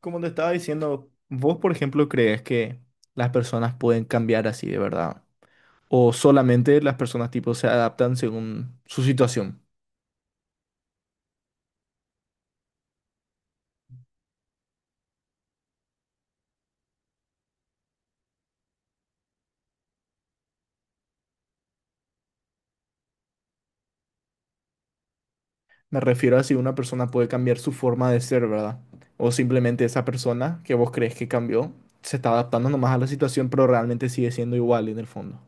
Como te estaba diciendo, ¿vos, por ejemplo, crees que las personas pueden cambiar así de verdad? ¿O solamente las personas tipo se adaptan según su situación? Me refiero a si una persona puede cambiar su forma de ser, ¿verdad? O simplemente esa persona que vos crees que cambió se está adaptando nomás a la situación, pero realmente sigue siendo igual en el fondo.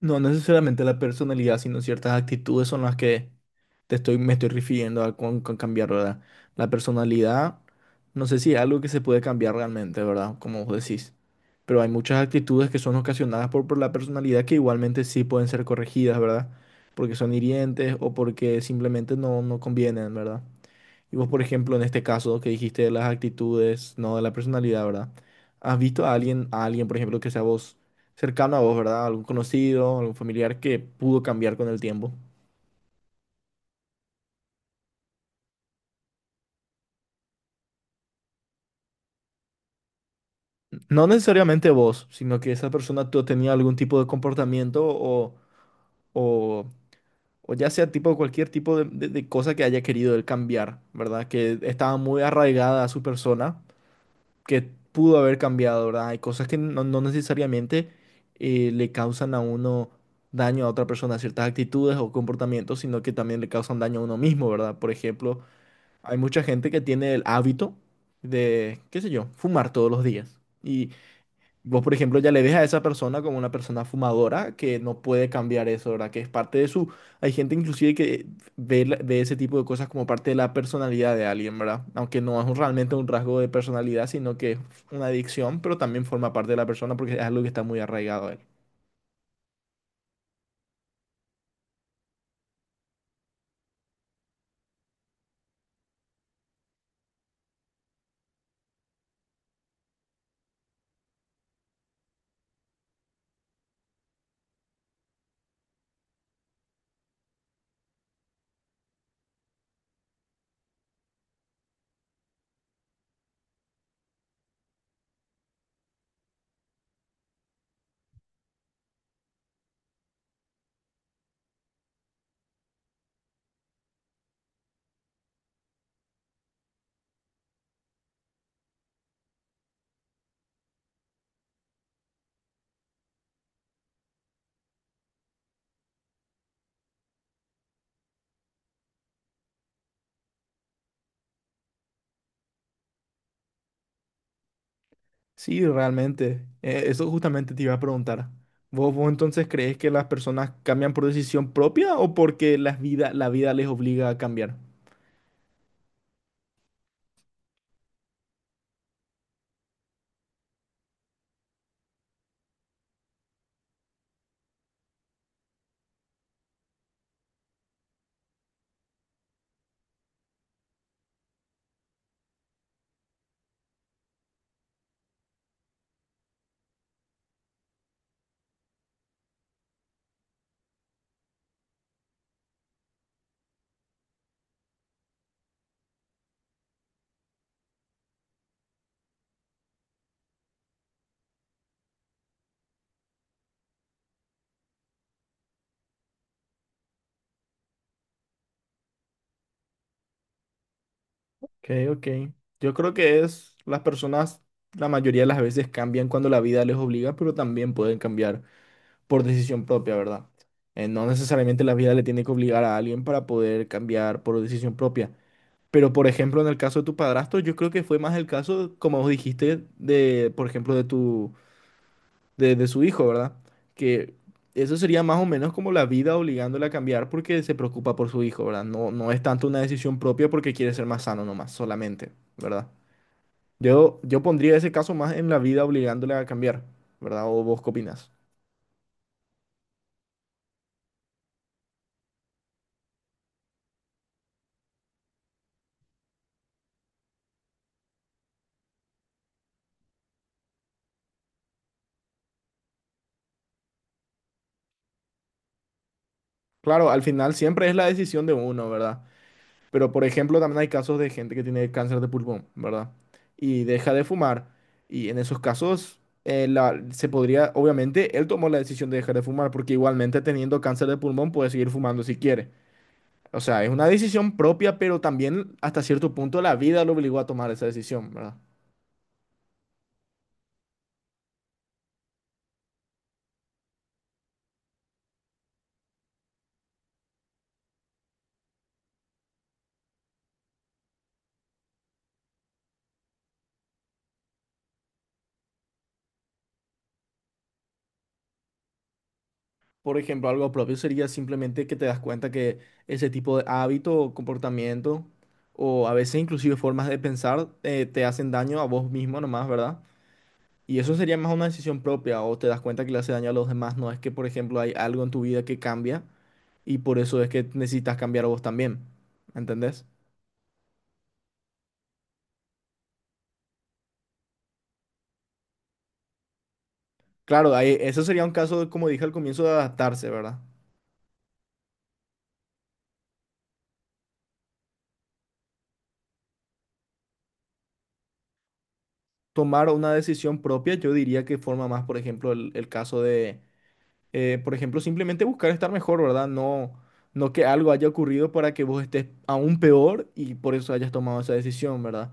No, no necesariamente la personalidad, sino ciertas actitudes son las que me estoy refiriendo a con cambiar, ¿verdad? La personalidad, no sé si es algo que se puede cambiar realmente, ¿verdad? Como vos decís. Pero hay muchas actitudes que son ocasionadas por la personalidad que igualmente sí pueden ser corregidas, ¿verdad? Porque son hirientes o porque simplemente no, no convienen, ¿verdad? Y vos, por ejemplo, en este caso que dijiste de las actitudes, no de la personalidad, ¿verdad? ¿Has visto a alguien, por ejemplo, que sea vos cercano a vos, ¿verdad? Algún conocido, algún familiar que pudo cambiar con el tiempo. No necesariamente vos, sino que esa persona tú tenía algún tipo de comportamiento o, o ya sea tipo cualquier tipo de, de cosa que haya querido él cambiar, ¿verdad? Que estaba muy arraigada a su persona que pudo haber cambiado, ¿verdad? Hay cosas que no, no necesariamente le causan a uno daño a otra persona, ciertas actitudes o comportamientos, sino que también le causan daño a uno mismo, ¿verdad? Por ejemplo, hay mucha gente que tiene el hábito de, qué sé yo, fumar todos los días. Y vos, por ejemplo, ya le ves a esa persona como una persona fumadora que no puede cambiar eso, ¿verdad? Que es parte de su... Hay gente inclusive que ve ese tipo de cosas como parte de la personalidad de alguien, ¿verdad? Aunque no es un- realmente un rasgo de personalidad, sino que es una adicción, pero también forma parte de la persona porque es algo que está muy arraigado a él. Sí, realmente. Eso justamente te iba a preguntar. ¿Vos entonces crees que las personas cambian por decisión propia o porque la vida les obliga a cambiar? Ok, ok. Yo creo que es, las personas la mayoría de las veces cambian cuando la vida les obliga, pero también pueden cambiar por decisión propia, ¿verdad? No necesariamente la vida le tiene que obligar a alguien para poder cambiar por decisión propia. Pero, por ejemplo, en el caso de tu padrastro, yo creo que fue más el caso, como vos dijiste, de, por ejemplo, de su hijo, ¿verdad? Que eso sería más o menos como la vida obligándole a cambiar porque se preocupa por su hijo, ¿verdad? No, no es tanto una decisión propia porque quiere ser más sano nomás, solamente, ¿verdad? Yo pondría ese caso más en la vida obligándole a cambiar, ¿verdad? ¿O vos qué opinás? Claro, al final siempre es la decisión de uno, ¿verdad? Pero por ejemplo, también hay casos de gente que tiene cáncer de pulmón, ¿verdad? Y deja de fumar. Y en esos casos, se podría, obviamente, él tomó la decisión de dejar de fumar, porque igualmente teniendo cáncer de pulmón puede seguir fumando si quiere. O sea, es una decisión propia, pero también hasta cierto punto la vida lo obligó a tomar esa decisión, ¿verdad? Por ejemplo, algo propio sería simplemente que te das cuenta que ese tipo de hábito comportamiento, o a veces inclusive formas de pensar, te hacen daño a vos mismo nomás, ¿verdad? Y eso sería más una decisión propia, o te das cuenta que le hace daño a los demás, no es que, por ejemplo, hay algo en tu vida que cambia y por eso es que necesitas cambiar vos también, ¿entendés? Claro, eso sería un caso, como dije al comienzo, de adaptarse, ¿verdad? Tomar una decisión propia, yo diría que forma más, por ejemplo, el caso de por ejemplo, simplemente buscar estar mejor, ¿verdad? No, no que algo haya ocurrido para que vos estés aún peor y por eso hayas tomado esa decisión, ¿verdad?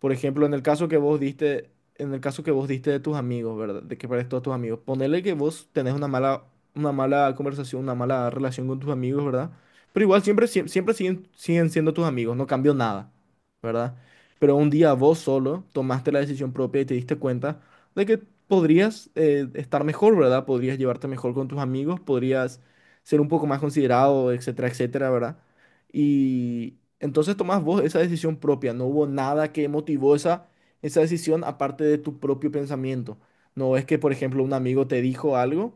Por ejemplo, en el caso que vos diste de tus amigos, ¿verdad? De que pares todos tus amigos. Ponele que vos tenés una mala conversación, una mala relación con tus amigos, ¿verdad? Pero igual siempre siguen siendo tus amigos, no cambió nada, ¿verdad? Pero un día vos solo tomaste la decisión propia y te diste cuenta de que podrías estar mejor, ¿verdad? Podrías llevarte mejor con tus amigos, podrías ser un poco más considerado, etcétera, etcétera, ¿verdad? Y entonces tomás vos esa decisión propia. No hubo nada que motivó esa decisión aparte de tu propio pensamiento. No es que, por ejemplo, un amigo te dijo algo,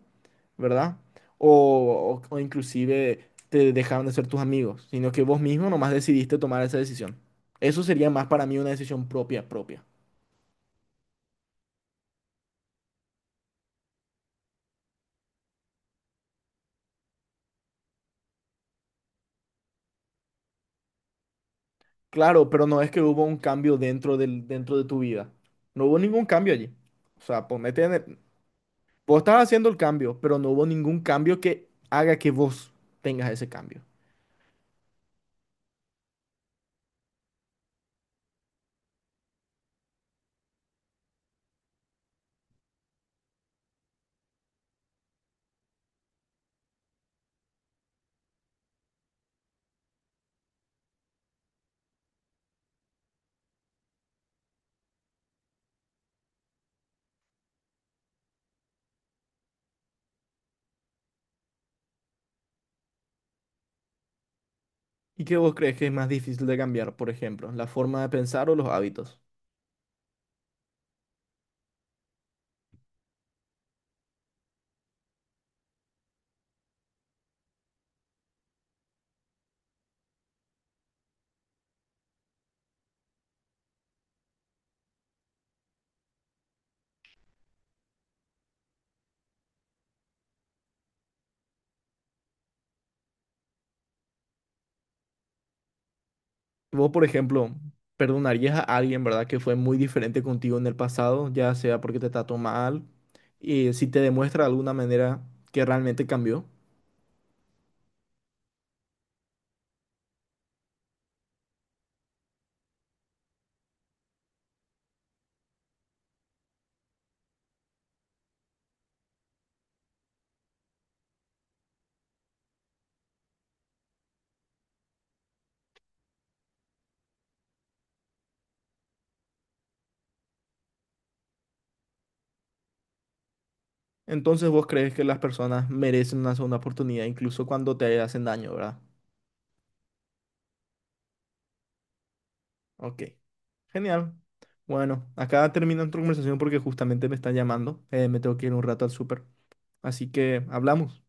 ¿verdad? O, o inclusive te dejaron de ser tus amigos, sino que vos mismo nomás decidiste tomar esa decisión. Eso sería más para mí una decisión propia, propia. Claro, pero no es que hubo un cambio dentro de tu vida. No hubo ningún cambio allí. O sea, vos estás haciendo el cambio, pero no hubo ningún cambio que haga que vos tengas ese cambio. ¿Y qué vos crees que es más difícil de cambiar, por ejemplo, la forma de pensar o los hábitos? Vos, por ejemplo, perdonarías a alguien, ¿verdad?, que fue muy diferente contigo en el pasado, ya sea porque te trató mal y si te demuestra de alguna manera que realmente cambió. Entonces vos crees que las personas merecen una segunda oportunidad incluso cuando te hacen daño, ¿verdad? Ok, genial. Bueno, acá termina nuestra conversación porque justamente me están llamando. Me tengo que ir un rato al súper. Así que hablamos.